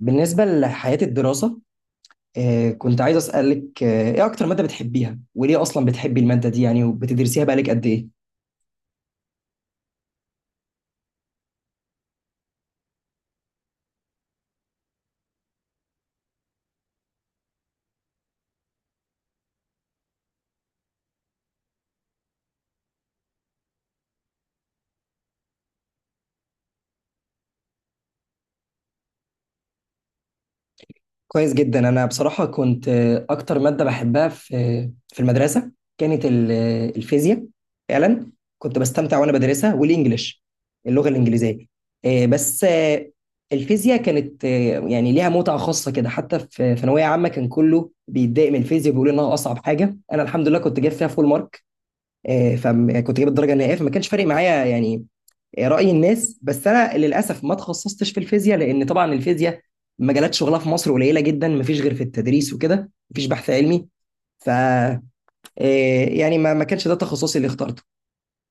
بالنسبة لحياة الدراسة، كنت عايز أسألك، إيه أكتر مادة بتحبيها؟ وليه أصلا بتحبي المادة دي يعني وبتدرسيها بقالك قد إيه؟ كويس جدا. أنا بصراحة كنت، أكتر مادة بحبها في المدرسة كانت الفيزياء. فعلا كنت بستمتع وأنا بدرسها، والإنجليش، اللغة الإنجليزية، بس الفيزياء كانت، يعني ليها متعة خاصة كده. حتى في ثانوية عامة كان كله بيتضايق من الفيزياء، بيقول إنها أصعب حاجة. أنا الحمد لله كنت جايب فيها فول مارك، فكنت جايب الدرجه النهائيه، فما كانش فارق معايا يعني راي الناس. بس انا للاسف ما تخصصتش في الفيزياء، لان طبعا الفيزياء مجالات شغلها في مصر قليله جدا، ما فيش غير في التدريس وكده، ما فيش بحث علمي. ف آه، يعني ما كانش ده تخصصي اللي اخترته.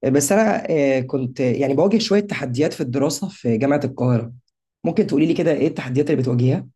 بس انا، كنت يعني بواجه شويه تحديات في الدراسه في جامعه القاهره. ممكن تقولي لي كده ايه التحديات اللي بتواجهها؟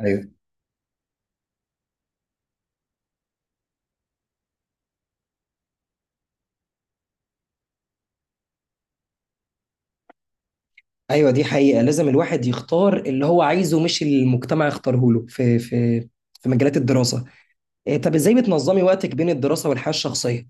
ايوه. ايوه، دي حقيقه، لازم الواحد يختار اللي هو عايزه مش اللي المجتمع يختاره له، في في مجالات الدراسه. إيه، طب ازاي بتنظمي وقتك بين الدراسة والحياة الشخصية؟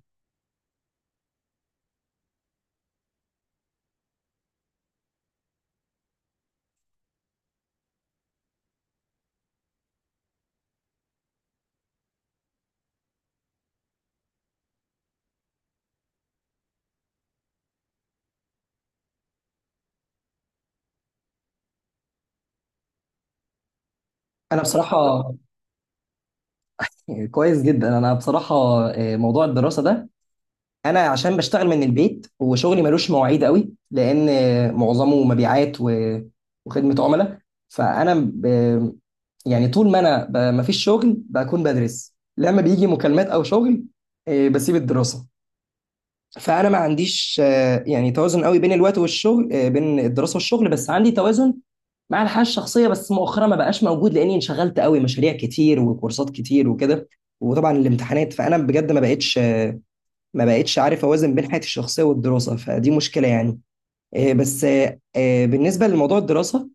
انا بصراحة، كويس جدا. انا بصراحة، إيه، موضوع الدراسة ده، انا عشان بشتغل من البيت وشغلي ملوش مواعيد قوي، لان إيه، معظمه مبيعات و- وخدمة عملاء. فانا ب- يعني طول ما انا ب- مفيش شغل بكون بدرس. لما بيجي مكالمات او شغل، إيه، بسيب الدراسة. فانا ما عنديش، يعني توازن قوي بين الوقت والشغل، بين الدراسة والشغل، بس عندي توازن مع الحياة الشخصية. بس مؤخرا ما بقاش موجود، لأني انشغلت قوي، مشاريع كتير وكورسات كتير وكده، وطبعا الامتحانات. فأنا بجد ما بقتش، ما بقتش عارف أوازن بين حياتي الشخصية والدراسة، فدي مشكلة يعني. آه، بس آه، آه، بالنسبة لموضوع الدراسة،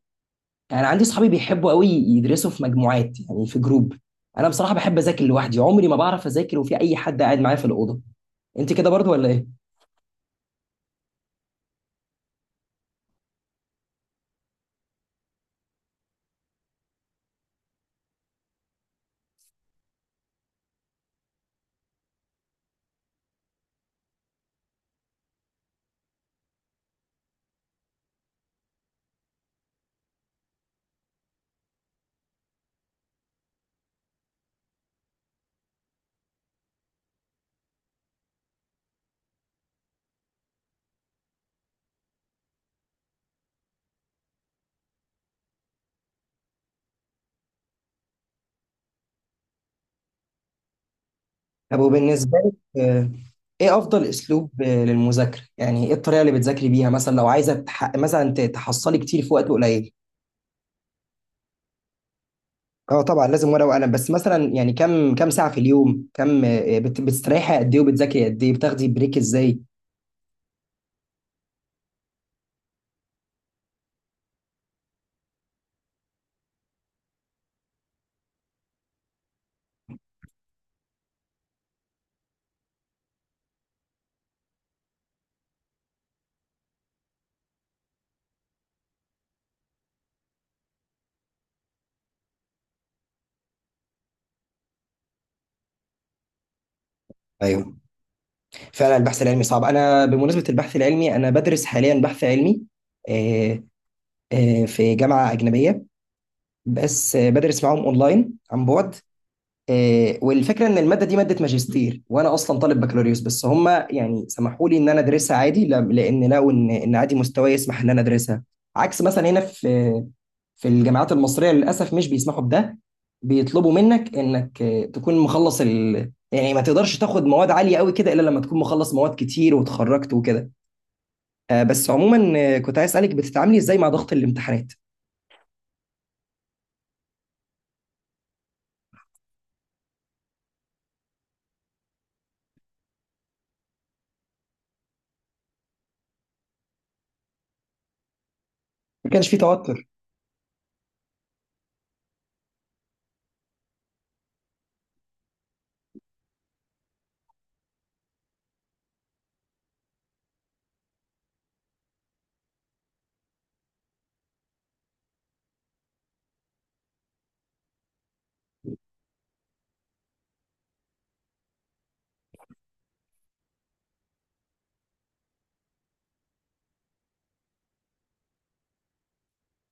أنا عندي صحابي بيحبوا قوي يدرسوا في مجموعات، يعني في جروب. أنا بصراحة بحب أذاكر لوحدي، عمري ما بعرف أذاكر وفي أي حد قاعد معايا في الأوضة. أنت كده برضو ولا إيه؟ طب وبالنسبة لك، آه، ايه افضل اسلوب للمذاكرة؟ يعني ايه الطريقة اللي بتذاكري بيها، مثلا لو عايزة تح... مثلا ت- تحصلي كتير في وقت قليل؟ اه طبعا لازم ورقة وقلم، بس مثلا يعني كم ساعة في اليوم؟ كم، بت... بتستريحي قد ايه وبتذاكري قد ايه؟ بتاخدي بريك ازاي؟ ايوه. فعلا البحث العلمي صعب. انا بمناسبة البحث العلمي انا بدرس حاليا بحث علمي، آه، في جامعة أجنبية، بس بدرس معاهم اونلاين عن بعد. والفكره ان الماده دي ماده ماجستير، وانا اصلا طالب بكالوريوس، بس هم يعني سمحوا لي ان انا ادرسها عادي، ل- لان لقوا ان ان عادي مستواي يسمح ان انا ادرسها. عكس مثلا هنا في في الجامعات المصريه، للاسف مش بيسمحوا بده، بيطلبوا منك انك تكون مخلص ال... يعني ما تقدرش تاخد مواد عاليه قوي كده الا لما تكون مخلص مواد كتير وتخرجت وكده. بس عموما، كنت عايز اسالك، بتتعاملي ازاي مع ضغط الامتحانات؟ ما كانش في توتر؟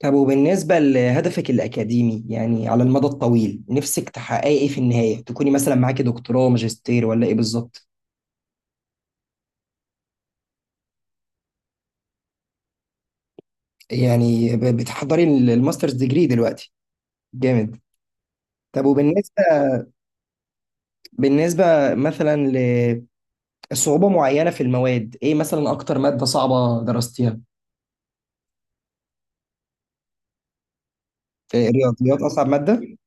طب وبالنسبة لهدفك الأكاديمي، يعني على المدى الطويل نفسك تحققي إيه في النهاية؟ تكوني مثلا معاكي دكتوراه، ماجستير، ولا إيه بالظبط؟ يعني ب- بتحضري ال- الماسترز ديجري دلوقتي؟ جامد. طب وبالنسبة، بالنسبة مثلا لصعوبة معينة في المواد، إيه مثلا أكتر مادة صعبة درستيها؟ الرياضيات أصعب مادة؟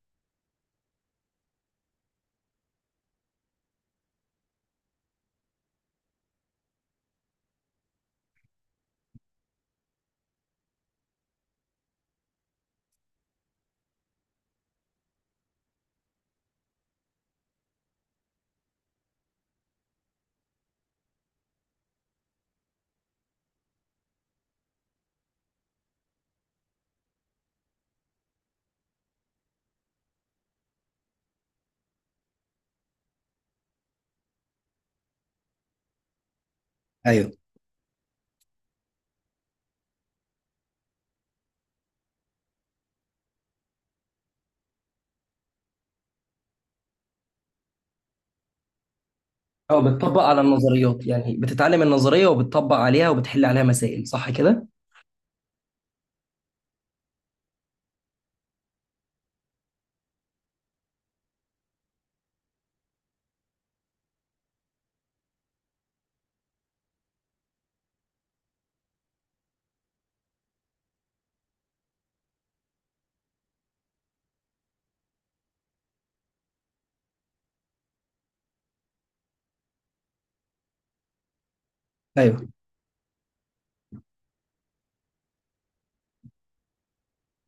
أيوه. أو بتطبق على النظريات؟ يعني بتتعلم النظرية وبتطبق عليها وبتحل عليها مسائل، صح كده؟ ايوه،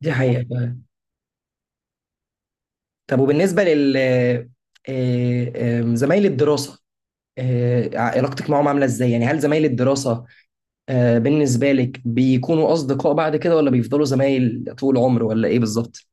دي حقيقة. طب وبالنسبة لل، آه، آم، زمايل الدراسة، علاقتك معاهم عاملة ازاي؟ يعني هل زمايل الدراسة، بالنسبة لك بيكونوا أصدقاء بعد كده، ولا بيفضلوا زمايل طول العمر، ولا إيه بالظبط؟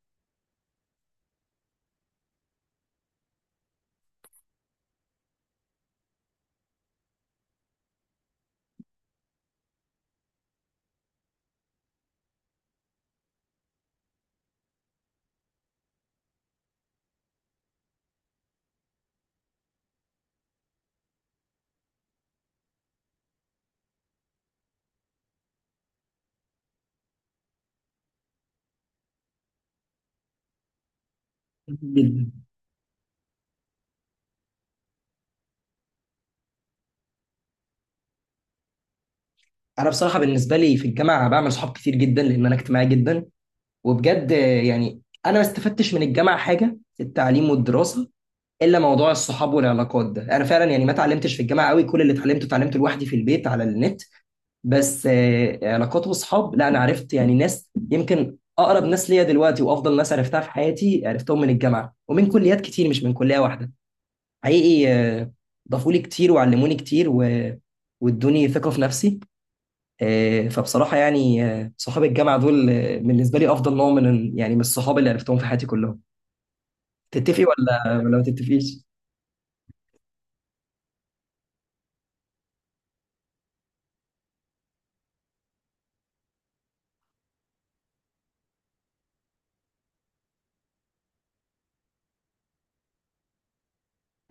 جدا. أنا بصراحة بالنسبة لي في الجامعة بعمل صحاب كتير جدا، لأن أنا اجتماعي جدا. وبجد يعني أنا ما استفدتش من الجامعة حاجة في التعليم والدراسة، إلا موضوع الصحاب والعلاقات ده. أنا فعلا يعني ما اتعلمتش في الجامعة قوي، كل اللي اتعلمته اتعلمته لوحدي في البيت على النت. بس علاقات واصحاب لا، انا عرفت يعني ناس يمكن اقرب ناس ليا دلوقتي وافضل ناس عرفتها في حياتي، عرفتهم من الجامعه ومن كليات كتير مش من كليه واحده. حقيقي ضافوا لي كتير وعلموني كتير و... وادوني ثقه في نفسي. فبصراحه يعني، صحاب الجامعه دول، بالنسبه لي افضل نوع من يعني من الصحاب اللي عرفتهم في حياتي كلهم. تتفقي ولا ما تتفقيش؟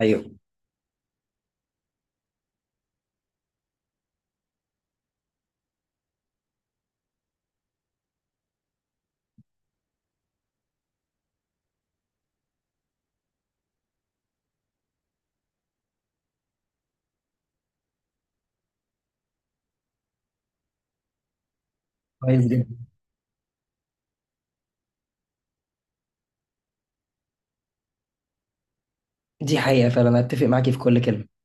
ايوه. كويس جدا. دي حقيقه فعلا، أنا اتفق معاكي في كل كلمه.